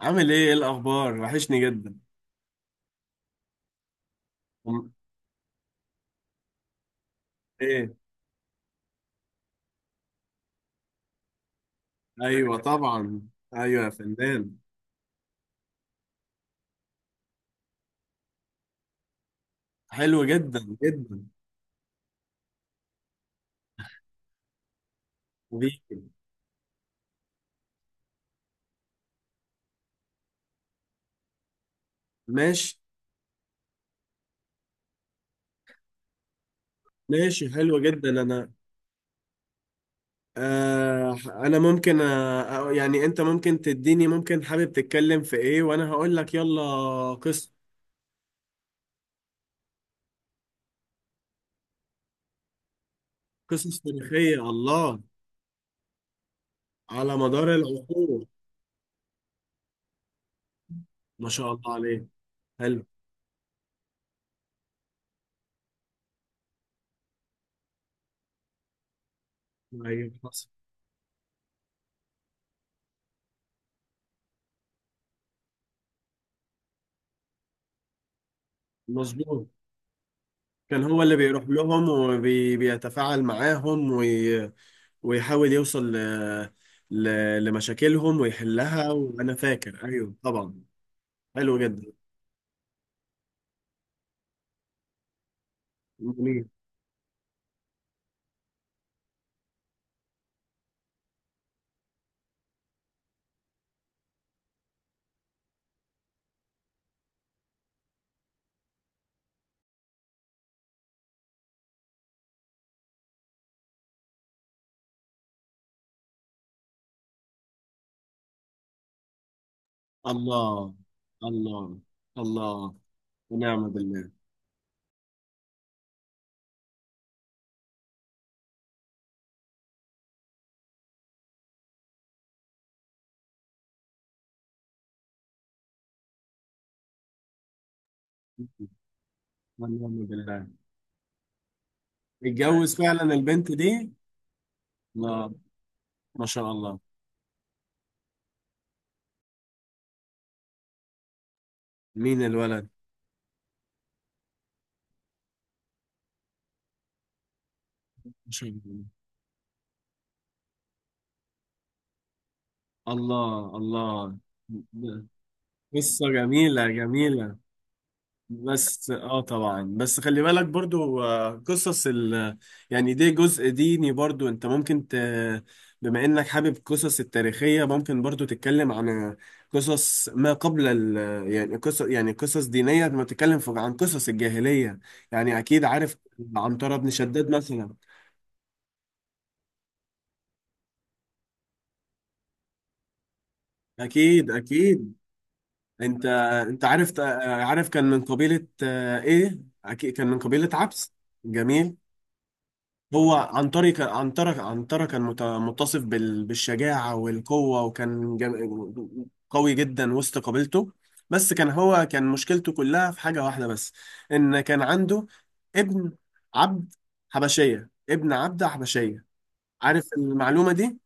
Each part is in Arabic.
عامل ايه؟ ايه الاخبار؟ وحشني جدا. أم- ايه. ايوه طبعا. ايوه يا فنان. حلو جدا جدا. بيك. ماشي. ماشي، حلو جدا. انا انا ممكن، يعني انت ممكن تديني، ممكن حابب تتكلم في ايه وانا هقول لك. يلا قصص. قصص تاريخية، الله، على مدار العصور. ما شاء الله عليه. حلو. ايوه حصل. مظبوط. كان هو اللي بيروح لهم وبيتفاعل معاهم، ويحاول يوصل ل... لمشاكلهم ويحلها. وانا فاكر، ايوه طبعا. حلو جدا. جميل. الله، الله، الله. ونعم بالله. ونعم بالله. اتجوز فعلا البنت دي؟ الله. ما شاء الله. مين الولد؟ ما شاء الله. الله الله. قصة جميلة جميلة. بس اه طبعا، بس خلي بالك برضو، قصص ال، يعني دي جزء ديني برضو، انت ممكن ت، بما انك حابب قصص التاريخية، ممكن برضو تتكلم عن قصص ما قبل ال، يعني قصص، يعني قصص دينية، ما تتكلم في- عن قصص الجاهلية. يعني اكيد عارف عنترة بن شداد مثلا. اكيد اكيد. انت انت عارف، عارف كان من قبيلة، ايه، اكيد كان من قبيلة عبس. جميل. هو عنتري، كان عنترة، عنترة كان متصف بالشجاعة والقوة، وكان قوي جدا وسط قبيلته. بس كان هو كان مشكلته كلها في حاجة واحدة بس، إن كان عنده ابن عبد حبشية، ابن عبدة حبشية. عارف المعلومة دي؟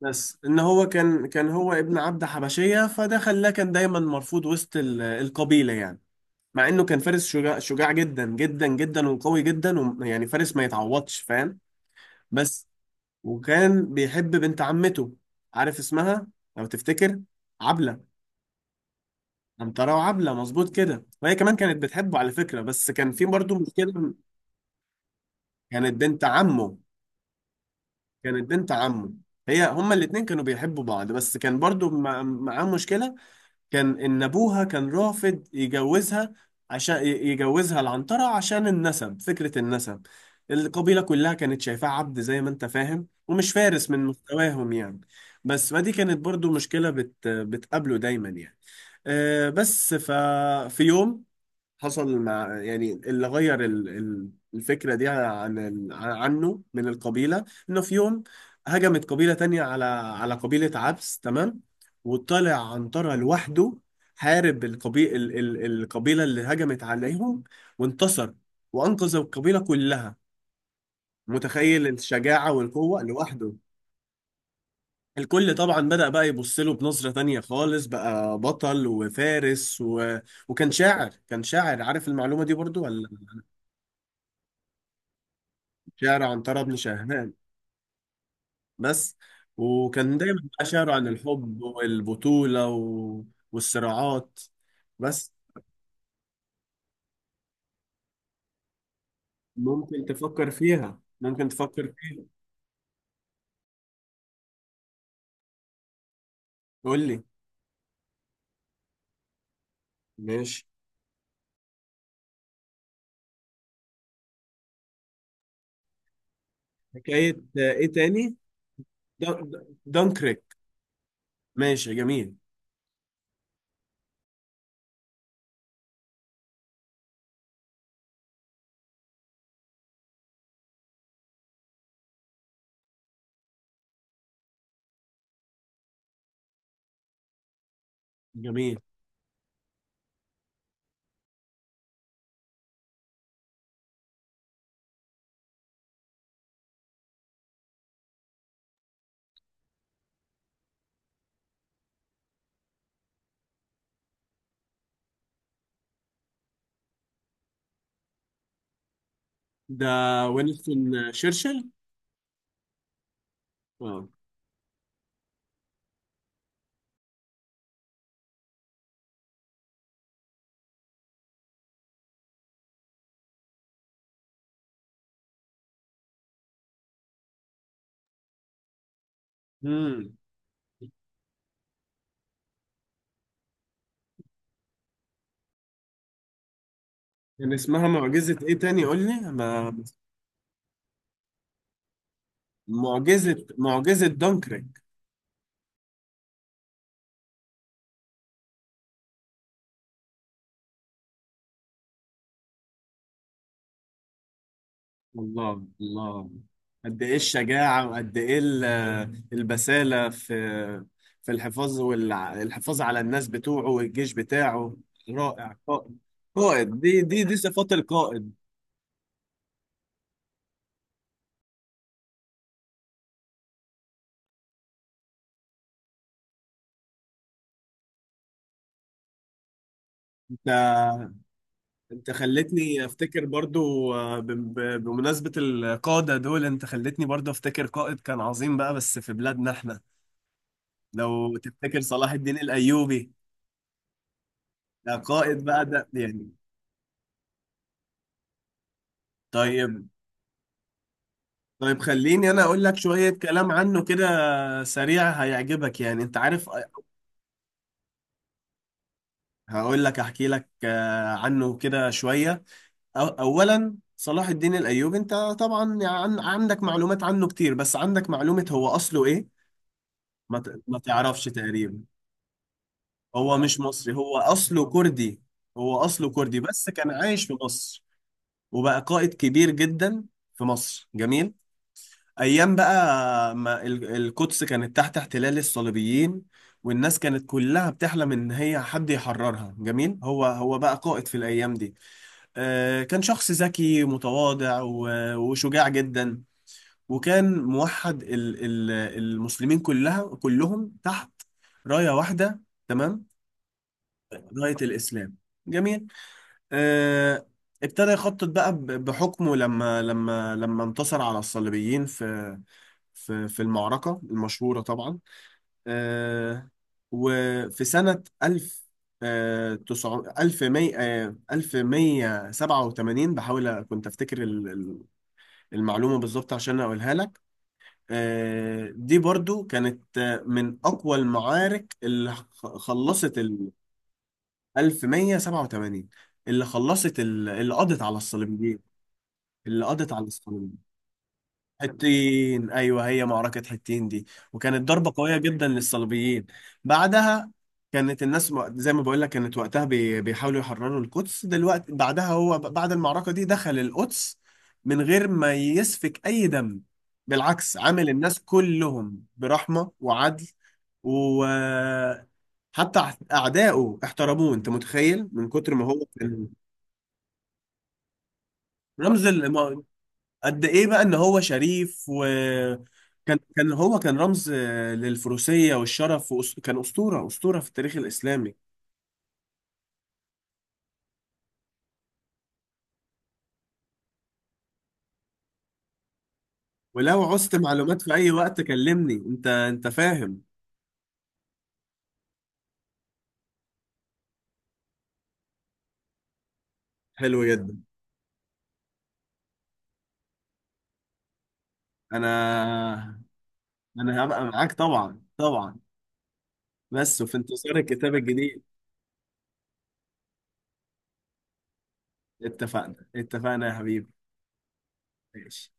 بس إن هو كان هو ابن عبدة حبشية، فده خلاه كان دايما مرفوض وسط القبيلة يعني. مع إنه كان فارس شجاع، شجاع جدا جدا جدا، وقوي جدا، ويعني فارس ما يتعوضش. فاهم؟ بس. وكان بيحب بنت عمته، عارف اسمها لو تفتكر؟ عبلة. أمطرة وعبلة، مظبوط كده. وهي كمان كانت بتحبه على فكرة، بس كان في برضه مشكلة. كانت بنت عمه. كانت بنت عمه. هما الاتنين كانوا بيحبوا بعض، بس كان برضه معاه مشكلة. كان ان ابوها كان رافض يجوزها، عشان يجوزها العنترة، عشان النسب، فكرة النسب. القبيلة كلها كانت شايفاه عبد زي ما انت فاهم، ومش فارس من مستواهم يعني. بس فدي كانت برضو مشكلة، بت بتقابله دايما يعني. أه بس ففي يوم حصل، مع يعني اللي غير الفكرة دي عن عنه من القبيلة، إنه في يوم هجمت قبيلة تانية على على قبيلة عبس، تمام. وطلع عنترة لوحده، حارب القبيلة اللي هجمت عليهم، وانتصر، وأنقذ القبيلة كلها. متخيل الشجاعة والقوة لوحده؟ الكل طبعا بدأ بقى يبص له بنظرة تانية خالص، بقى بطل وفارس و... وكان شاعر، كان شاعر. عارف المعلومة دي برضو ولا؟ شعره عن طرب بن شاهنان. بس. وكان دايما بقى شعره عن الحب والبطولة و... والصراعات. بس. ممكن تفكر فيها، ممكن تفكر فيها. قول لي. ماشي. حكاية، ايه تاني؟ دانكريك. ماشي جميل. جميل. ده وينستون شرشل. اه. مم. كان اسمها معجزة ايه تاني؟ قول لي ما. معجزة، معجزة دانكريك. الله، الله. قد ايه الشجاعة، وقد ايه البسالة في في الحفاظ، والحفاظ على الناس بتوعه والجيش بتاعه. رائع، قائد. قائد، دي صفات القائد. انت انت خلتني افتكر برضو، بمناسبة القادة دول، انت خلتني برضو افتكر قائد كان عظيم بقى، بس في بلادنا احنا. لو تفتكر، صلاح الدين الايوبي. ده قائد بقى ده يعني. طيب. طيب خليني انا اقول لك شوية كلام عنه كده، سريع، هيعجبك يعني. انت عارف؟ هقول لك، احكي لك عنه كده شوية. اولا، صلاح الدين الايوبي، انت طبعا عندك معلومات عنه كتير، بس عندك معلومة هو اصله ايه؟ ما ما تعرفش تقريبا. هو مش مصري، هو اصله كردي. هو اصله كردي بس كان عايش في مصر. وبقى قائد كبير جدا في مصر. جميل. ايام بقى ما القدس كانت تحت احتلال الصليبيين، والناس كانت كلها بتحلم ان هي حد يحررها. جميل. هو هو بقى قائد في الايام دي. آه، كان شخص ذكي متواضع وشجاع جدا، وكان موحد المسلمين كلها كلهم تحت راية واحدة، تمام. راية الاسلام. جميل. آه، ابتدى يخطط بقى بحكمه، لما انتصر على الصليبيين في في المعركة المشهورة طبعا، آه، وفي سنة 1000 1100 1187، بحاول أ- كنت أفتكر المعلومة بالظبط عشان أقولها لك، دي برضو كانت، من أقوى المعارك اللي خلصت ال. 1187، اللي خلصت اللي قضت على الصليبيين، اللي قضت على الصليبيين. حطين، ايوه، هي معركه حطين دي، وكانت ضربه قويه جدا للصليبيين. بعدها كانت الناس زي ما بقول لك، كانت وقتها بيحاولوا يحرروا القدس دلوقتي. بعدها هو بعد المعركه دي دخل القدس من غير ما يسفك اي دم، بالعكس عامل الناس كلهم برحمه وعدل، وحتى اعدائه احترموه. انت متخيل من كتر ما هو كان رمز، قد ايه بقى ان هو شريف. وكان كان رمز، للفروسية والشرف، كان أسطورة، أسطورة في التاريخ الإسلامي. ولو عوزت معلومات في أي وقت كلمني أنت. أنت فاهم؟ حلو جدا. أنا، أنا هبقى معاك طبعا طبعا، بس وفي انتظار الكتاب الجديد. اتفقنا اتفقنا يا حبيبي. ماشي.